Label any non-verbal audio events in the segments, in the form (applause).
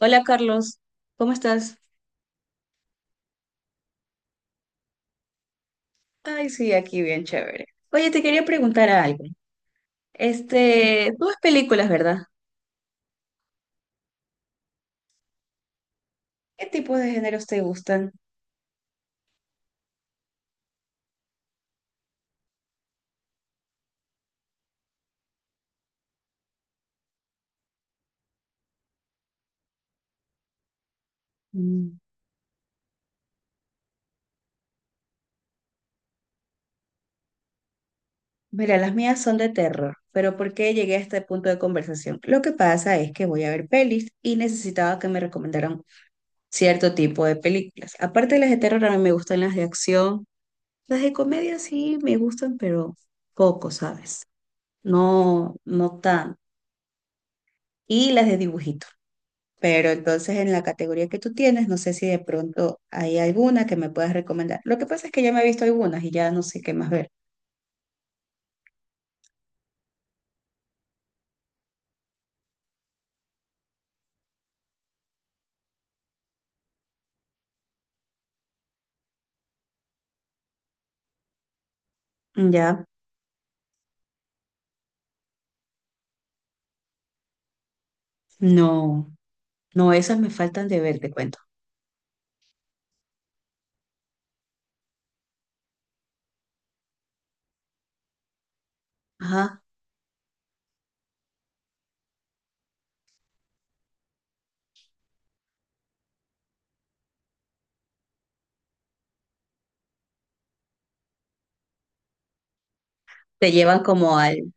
Hola Carlos, ¿cómo estás? Ay, sí, aquí bien chévere. Oye, te quería preguntar algo. Este, tú ves películas, ¿verdad? ¿Qué tipos de géneros te gustan? Mm, Mira, las mías son de terror, pero ¿por qué llegué a este punto de conversación? Lo que pasa es que voy a ver pelis y necesitaba que me recomendaran cierto tipo de películas. Aparte de las de terror, a mí me gustan las de acción. Las de comedia sí me gustan, pero poco, ¿sabes? No, no tan. Y las de dibujitos. Pero entonces en la categoría que tú tienes, no sé si de pronto hay alguna que me puedas recomendar. Lo que pasa es que ya me he visto algunas y ya no sé qué más ver. Ya, no, no, esas me faltan de ver, te cuento. Ajá, te llevan como al,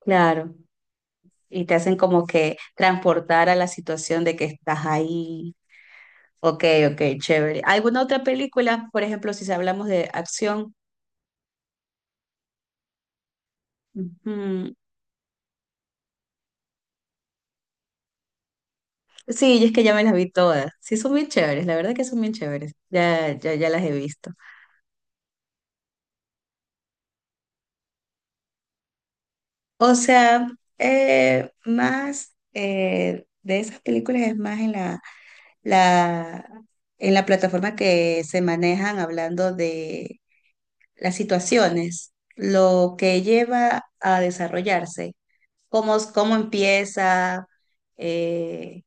claro, y te hacen como que transportar a la situación de que estás ahí. Ok, ok, chévere. ¿Alguna otra película? Por ejemplo, si hablamos de acción. Ujú. Sí, y es que ya me las vi todas. Sí, son bien chéveres, la verdad que son bien chéveres. Ya, ya, ya las he visto. O sea, más de esas películas es más la, en la plataforma que se manejan hablando de las situaciones, lo que lleva a desarrollarse, cómo empieza, eh,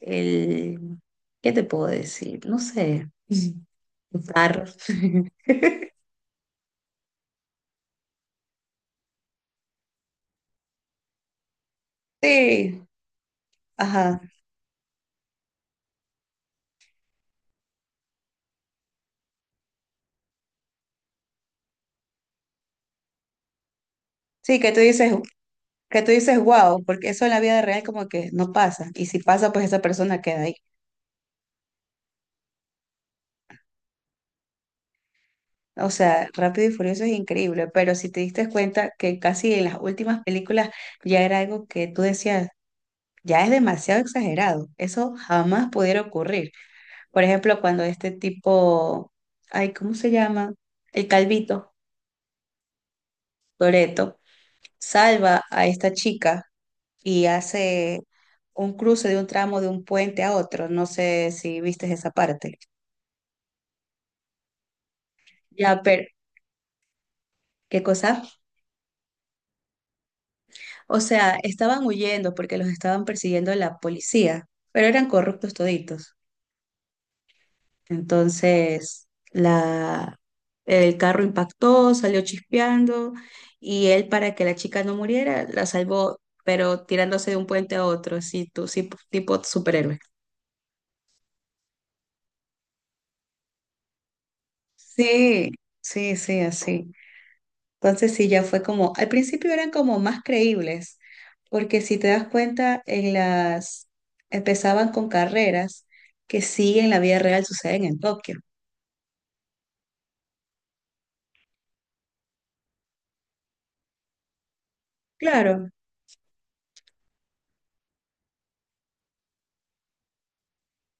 el, ¿qué te puedo decir? No sé, (laughs) los carros. (laughs) Sí, ajá. Sí, que tú dices, wow, porque eso en la vida real como que no pasa. Y si pasa, pues esa persona queda ahí. O sea, Rápido y Furioso es increíble, pero si te diste cuenta que casi en las últimas películas ya era algo que tú decías, ya es demasiado exagerado. Eso jamás pudiera ocurrir. Por ejemplo, cuando este tipo, ay, ¿cómo se llama? El Calvito, Toretto, salva a esta chica y hace un cruce de un tramo de un puente a otro. No sé si viste esa parte. Ya, pero, ¿qué cosa? O sea, estaban huyendo porque los estaban persiguiendo la policía, pero eran corruptos toditos. Entonces, el carro impactó, salió chispeando y él, para que la chica no muriera, la salvó, pero tirándose de un puente a otro, así, tú, sí, tipo superhéroe. Sí, sí, sí, así. Entonces sí, ya fue como, al principio eran como más creíbles, porque si te das cuenta, empezaban con carreras que sí en la vida real suceden en Tokio. Claro,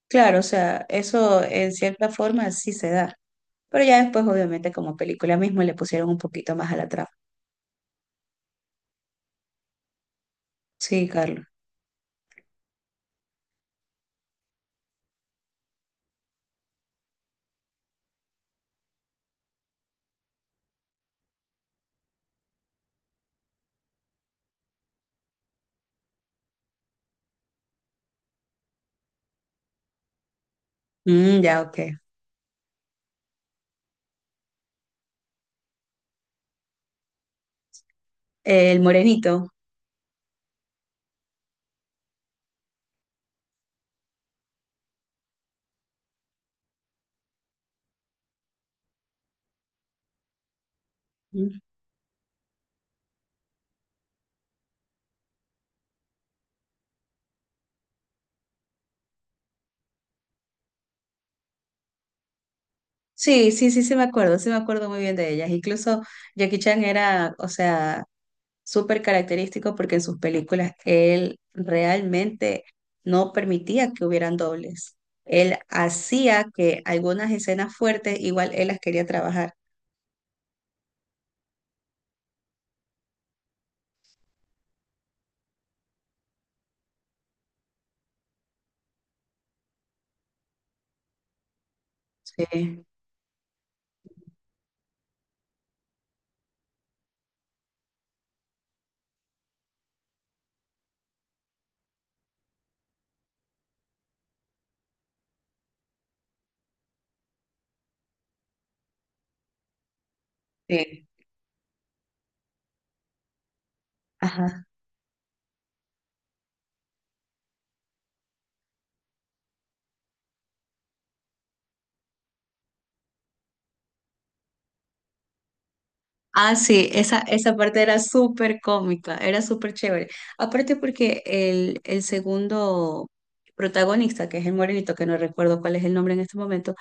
claro, o sea, eso en cierta forma sí se da. Pero ya después, obviamente, como película mismo le pusieron un poquito más a la trama. Sí, Carlos. Mm, ya, ok. El morenito. Mm. Sí, sí, sí, sí me acuerdo muy bien de ellas. Incluso Jackie Chan era, o sea, súper característico porque en sus películas él realmente no permitía que hubieran dobles. Él hacía que algunas escenas fuertes igual él las quería trabajar. Sí, sí. Ajá. Ah, sí, esa parte era súper cómica, era súper chévere. Aparte porque el segundo protagonista, que es el morenito, que no recuerdo cuál es el nombre en este momento,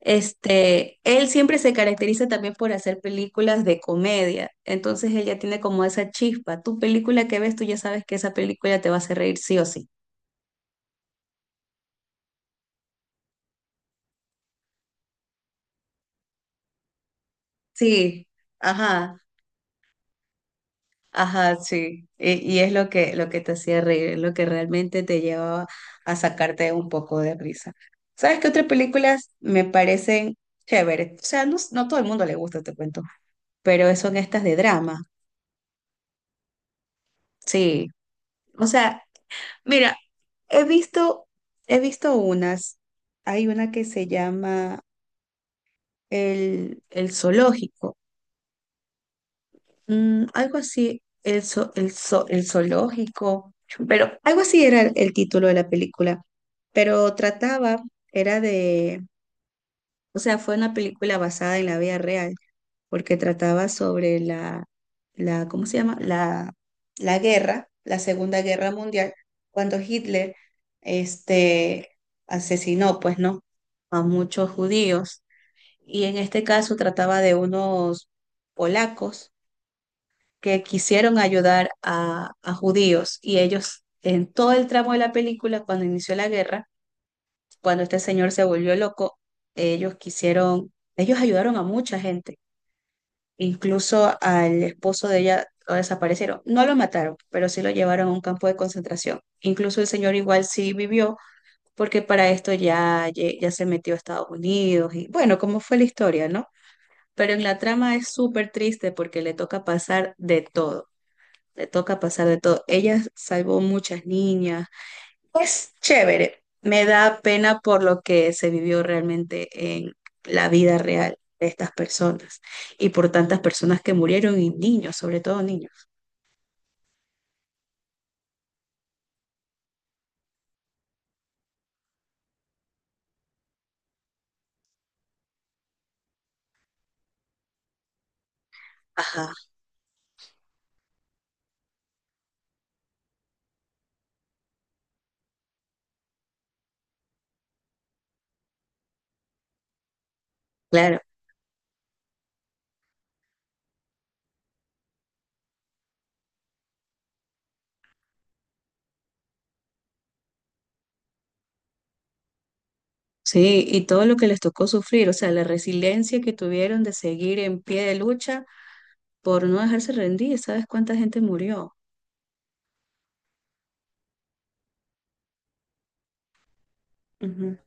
este, él siempre se caracteriza también por hacer películas de comedia, entonces él ya tiene como esa chispa. Tu película que ves, tú ya sabes que esa película te va a hacer reír sí o sí. Sí, ajá, ajá, sí. Y es lo que, te hacía reír, es lo que realmente te llevaba a sacarte un poco de risa. ¿Sabes qué otras películas me parecen chéveres? O sea, no, no todo el mundo le gusta, te cuento, pero son estas de drama. Sí, o sea, mira, he visto, he visto unas. Hay una que se llama el zoológico. Algo así, el zoológico. Pero algo así era el título de la película. Pero trataba, era de, o sea, fue una película basada en la vida real. Porque trataba sobre la ¿cómo se llama? La guerra, la Segunda Guerra Mundial, cuando Hitler este, asesinó, pues no, a muchos judíos. Y en este caso trataba de unos polacos que quisieron ayudar a judíos y ellos en todo el tramo de la película, cuando inició la guerra, cuando este señor se volvió loco, ellos ayudaron a mucha gente. Incluso al esposo de ella lo desaparecieron. No lo mataron, pero sí lo llevaron a un campo de concentración. Incluso el señor igual sí vivió, porque para esto ya se metió a Estados Unidos y bueno, cómo fue la historia, ¿no? Pero en la trama es súper triste porque le toca pasar de todo. Le toca pasar de todo. Ella salvó muchas niñas, es chévere. Me da pena por lo que se vivió realmente en la vida real de estas personas y por tantas personas que murieron y niños, sobre todo niños. Ajá, claro. Sí, y todo lo que les tocó sufrir, o sea, la resiliencia que tuvieron de seguir en pie de lucha por no dejarse rendir. ¿Sabes cuánta gente murió? Ujú.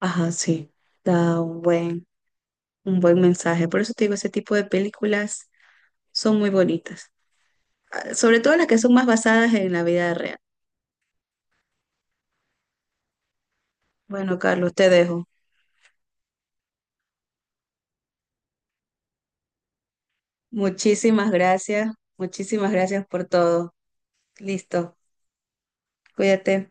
Ajá, sí. Da un buen mensaje. Por eso te digo, ese tipo de películas son muy bonitas. Ah, sobre todo las que son más basadas en la vida real. Bueno, Carlos, te dejo. Muchísimas gracias por todo. Listo, cuídate.